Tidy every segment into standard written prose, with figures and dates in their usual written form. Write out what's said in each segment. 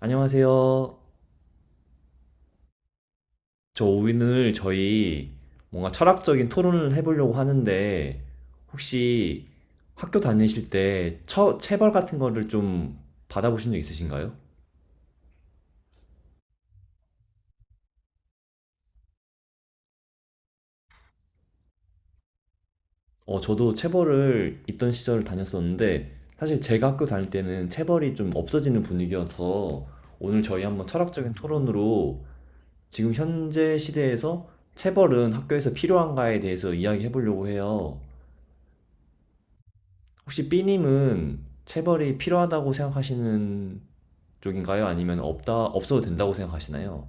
안녕하세요. 저 오늘 저희 뭔가 철학적인 토론을 해보려고 하는데, 혹시 학교 다니실 때 체벌 같은 거를 좀 받아보신 적 있으신가요? 저도 체벌을 있던 시절을 다녔었는데, 사실 제가 학교 다닐 때는 체벌이 좀 없어지는 분위기여서, 오늘 저희 한번 철학적인 토론으로 지금 현재 시대에서 체벌은 학교에서 필요한가에 대해서 이야기해 보려고 해요. 혹시 B님은 체벌이 필요하다고 생각하시는 쪽인가요? 아니면 없다, 없어도 된다고 생각하시나요?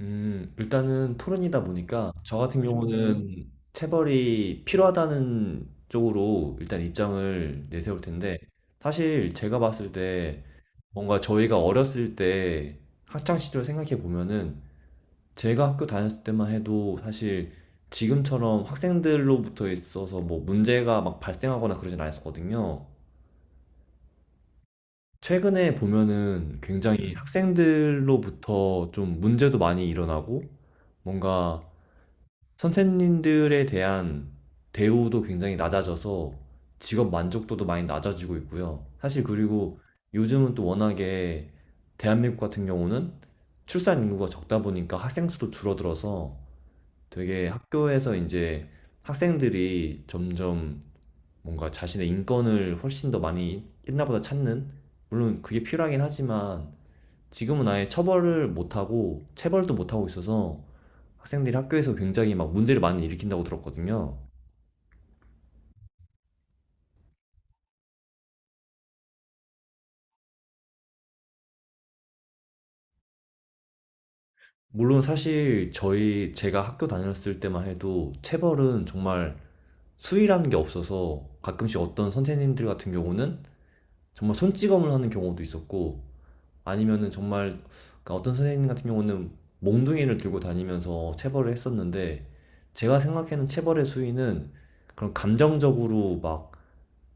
일단은 토론이다 보니까 저 같은 경우는 체벌이 필요하다는 쪽으로 일단 입장을 내세울 텐데, 사실 제가 봤을 때 뭔가 저희가 어렸을 때 학창 시절 생각해 보면은 제가 학교 다녔을 때만 해도 사실 지금처럼 학생들로부터 있어서 뭐 문제가 막 발생하거나 그러진 않았었거든요. 최근에 보면은 굉장히 학생들로부터 좀 문제도 많이 일어나고 뭔가 선생님들에 대한 대우도 굉장히 낮아져서 직업 만족도도 많이 낮아지고 있고요. 사실 그리고 요즘은 또 워낙에 대한민국 같은 경우는 출산 인구가 적다 보니까 학생 수도 줄어들어서 되게 학교에서 이제 학생들이 점점 뭔가 자신의 인권을 훨씬 더 많이 옛날보다 찾는, 물론 그게 필요하긴 하지만 지금은 아예 처벌을 못하고 체벌도 못하고 있어서 학생들이 학교에서 굉장히 막 문제를 많이 일으킨다고 들었거든요. 물론 사실 저희 제가 학교 다녔을 때만 해도 체벌은 정말 수위라는 게 없어서, 가끔씩 어떤 선생님들 같은 경우는 정말 손찌검을 하는 경우도 있었고, 아니면은 정말, 그러니까 어떤 선생님 같은 경우는 몽둥이를 들고 다니면서 체벌을 했었는데, 제가 생각하는 체벌의 수위는 그런 감정적으로 막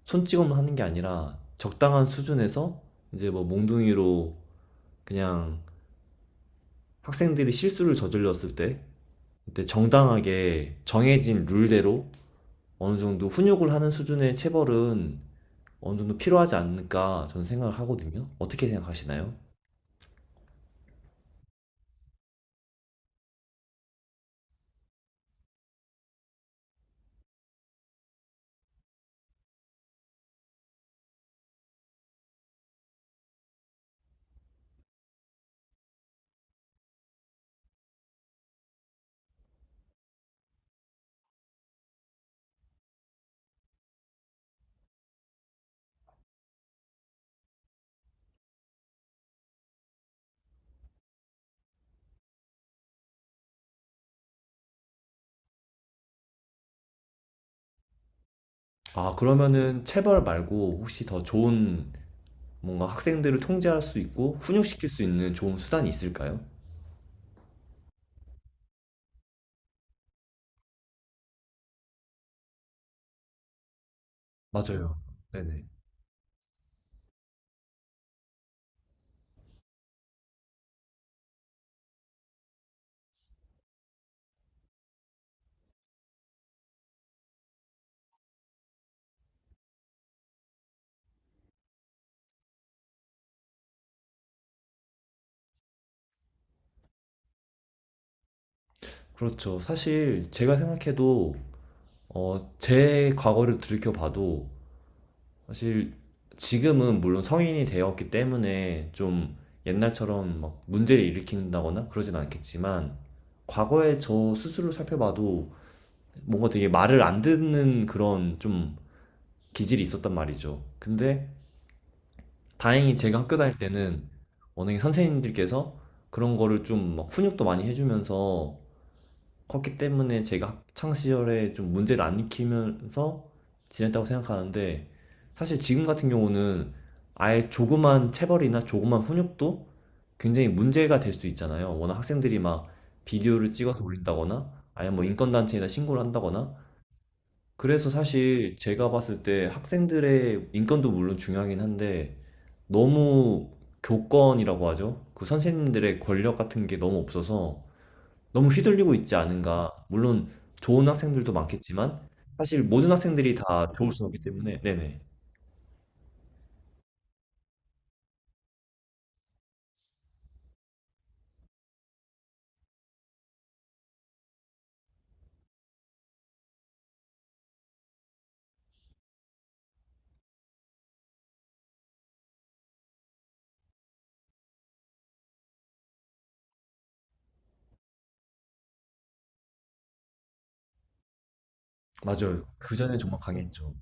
손찌검을 하는 게 아니라 적당한 수준에서 이제 뭐 몽둥이로 그냥 학생들이 실수를 저질렀을 때 그때 정당하게 정해진 룰대로 어느 정도 훈육을 하는 수준의 체벌은 어느 정도 필요하지 않을까 저는 생각을 하거든요. 어떻게 생각하시나요? 아, 그러면은 체벌 말고 혹시 더 좋은, 뭔가 학생들을 통제할 수 있고 훈육시킬 수 있는 좋은 수단이 있을까요? 맞아요. 네네. 그렇죠. 사실 제가 생각해도 제 과거를 들이켜봐도, 사실 지금은 물론 성인이 되었기 때문에 좀 옛날처럼 막 문제를 일으킨다거나 그러진 않겠지만, 과거에 저 스스로 살펴봐도 뭔가 되게 말을 안 듣는 그런 좀 기질이 있었단 말이죠. 근데 다행히 제가 학교 다닐 때는 워낙에 선생님들께서 그런 거를 좀막 훈육도 많이 해주면서 컸기 때문에 제가 학창 시절에 좀 문제를 안 일으키면서 지냈다고 생각하는데, 사실 지금 같은 경우는 아예 조그만 체벌이나 조그만 훈육도 굉장히 문제가 될 수 있잖아요. 워낙 학생들이 막 비디오를 찍어서 올린다거나 아예 뭐 인권단체에다 신고를 한다거나, 그래서 사실 제가 봤을 때 학생들의 인권도 물론 중요하긴 한데, 너무, 교권이라고 하죠. 그 선생님들의 권력 같은 게 너무 없어서 너무 휘둘리고 있지 않은가. 물론 좋은 학생들도 많겠지만 사실 모든 학생들이 다 좋을 수 없기 때문에. 네네. 맞아요. 그 전에 정말 강했죠.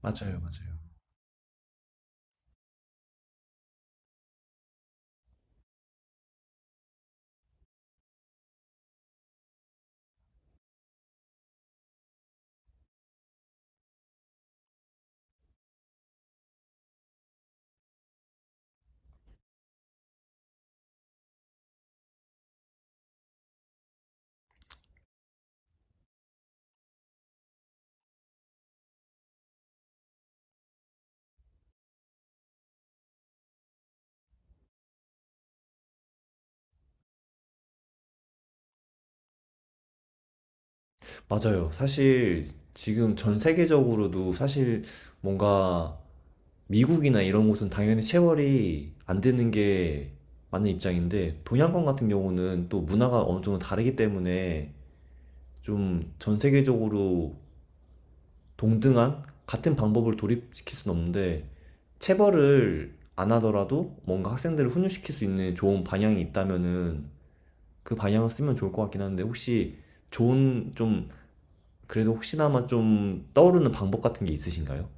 맞아요, 맞아요. 맞아요. 사실 지금 전 세계적으로도 사실 뭔가 미국이나 이런 곳은 당연히 체벌이 안 되는 게 맞는 입장인데, 동양권 같은 경우는 또 문화가 어느 정도 다르기 때문에 좀 전 세계적으로 동등한 같은 방법을 도입시킬 수는 없는데, 체벌을 안 하더라도 뭔가 학생들을 훈육시킬 수 있는 좋은 방향이 있다면은 그 방향을 쓰면 좋을 것 같긴 한데, 혹시 좋은 좀, 그래도 혹시나마 좀 떠오르는 방법 같은 게 있으신가요?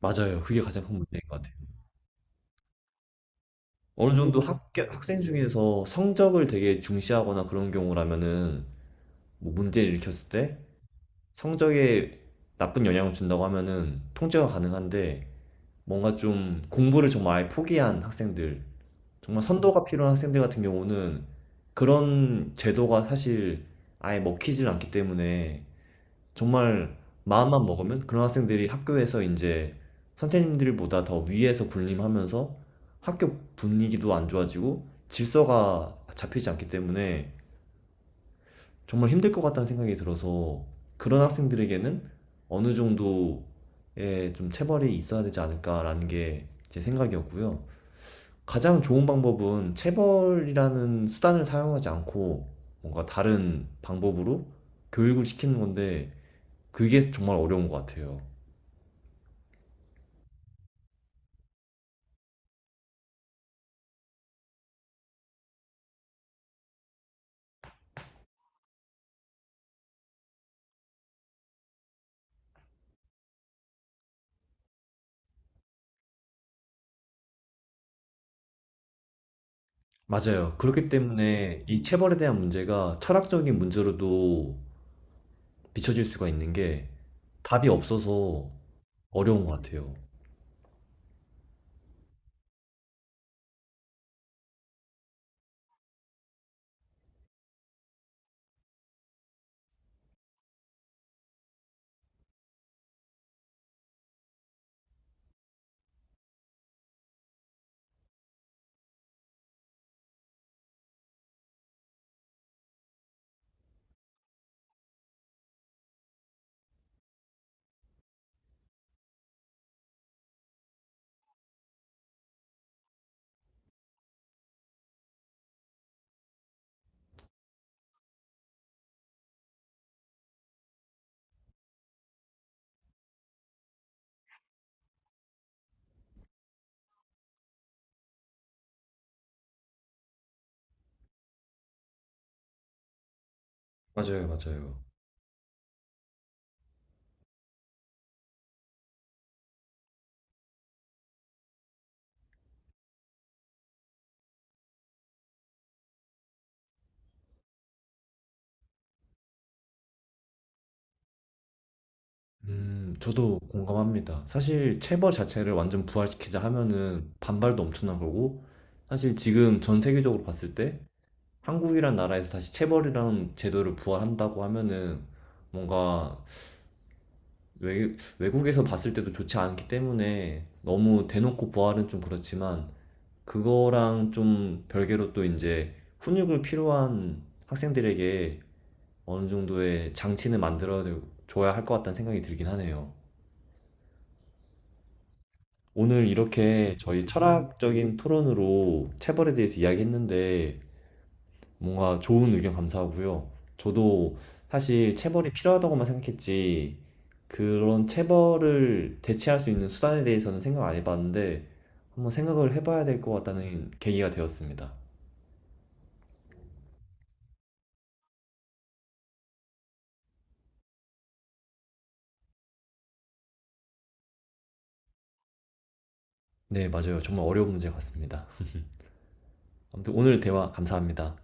맞아요. 그게 가장 큰 문제인 것 같아요. 어느 정도 학생 중에서 성적을 되게 중시하거나 그런 경우라면은 뭐 문제를 일으켰을 때 성적에 나쁜 영향을 준다고 하면은 통제가 가능한데, 뭔가 좀 공부를 정말 아예 포기한 학생들, 정말 선도가 필요한 학생들 같은 경우는 그런 제도가 사실 아예 먹히질 않기 때문에, 정말 마음만 먹으면 그런 학생들이 학교에서 이제 선생님들보다 더 위에서 군림하면서 학교 분위기도 안 좋아지고 질서가 잡히지 않기 때문에 정말 힘들 것 같다는 생각이 들어서, 그런 학생들에게는 어느 정도의 좀 체벌이 있어야 되지 않을까라는 게 제 생각이었고요. 가장 좋은 방법은 체벌이라는 수단을 사용하지 않고 뭔가 다른 방법으로 교육을 시키는 건데, 그게 정말 어려운 것 같아요. 맞아요. 그렇기 때문에 이 체벌에 대한 문제가 철학적인 문제로도 비춰질 수가 있는 게, 답이 없어서 어려운 것 같아요. 맞아요, 맞아요. 저도 공감합니다. 사실 체벌 자체를 완전 부활시키자 하면은 반발도 엄청난 거고, 사실 지금 전 세계적으로 봤을 때 한국이란 나라에서 다시 체벌이란 제도를 부활한다고 하면은 뭔가 외국에서 봤을 때도 좋지 않기 때문에, 너무 대놓고 부활은 좀 그렇지만, 그거랑 좀 별개로 또 이제 훈육을 필요한 학생들에게 어느 정도의 장치는 만들어 줘야 할 것 같다는 생각이 들긴 하네요. 오늘 이렇게 저희 철학적인 토론으로 체벌에 대해서 이야기했는데, 뭔가 좋은 의견 감사하고요. 저도 사실 체벌이 필요하다고만 생각했지, 그런 체벌을 대체할 수 있는 수단에 대해서는 생각 안 해봤는데 한번 생각을 해봐야 될 것 같다는 계기가 되었습니다. 네, 맞아요. 정말 어려운 문제 같습니다. 아무튼 오늘 대화 감사합니다.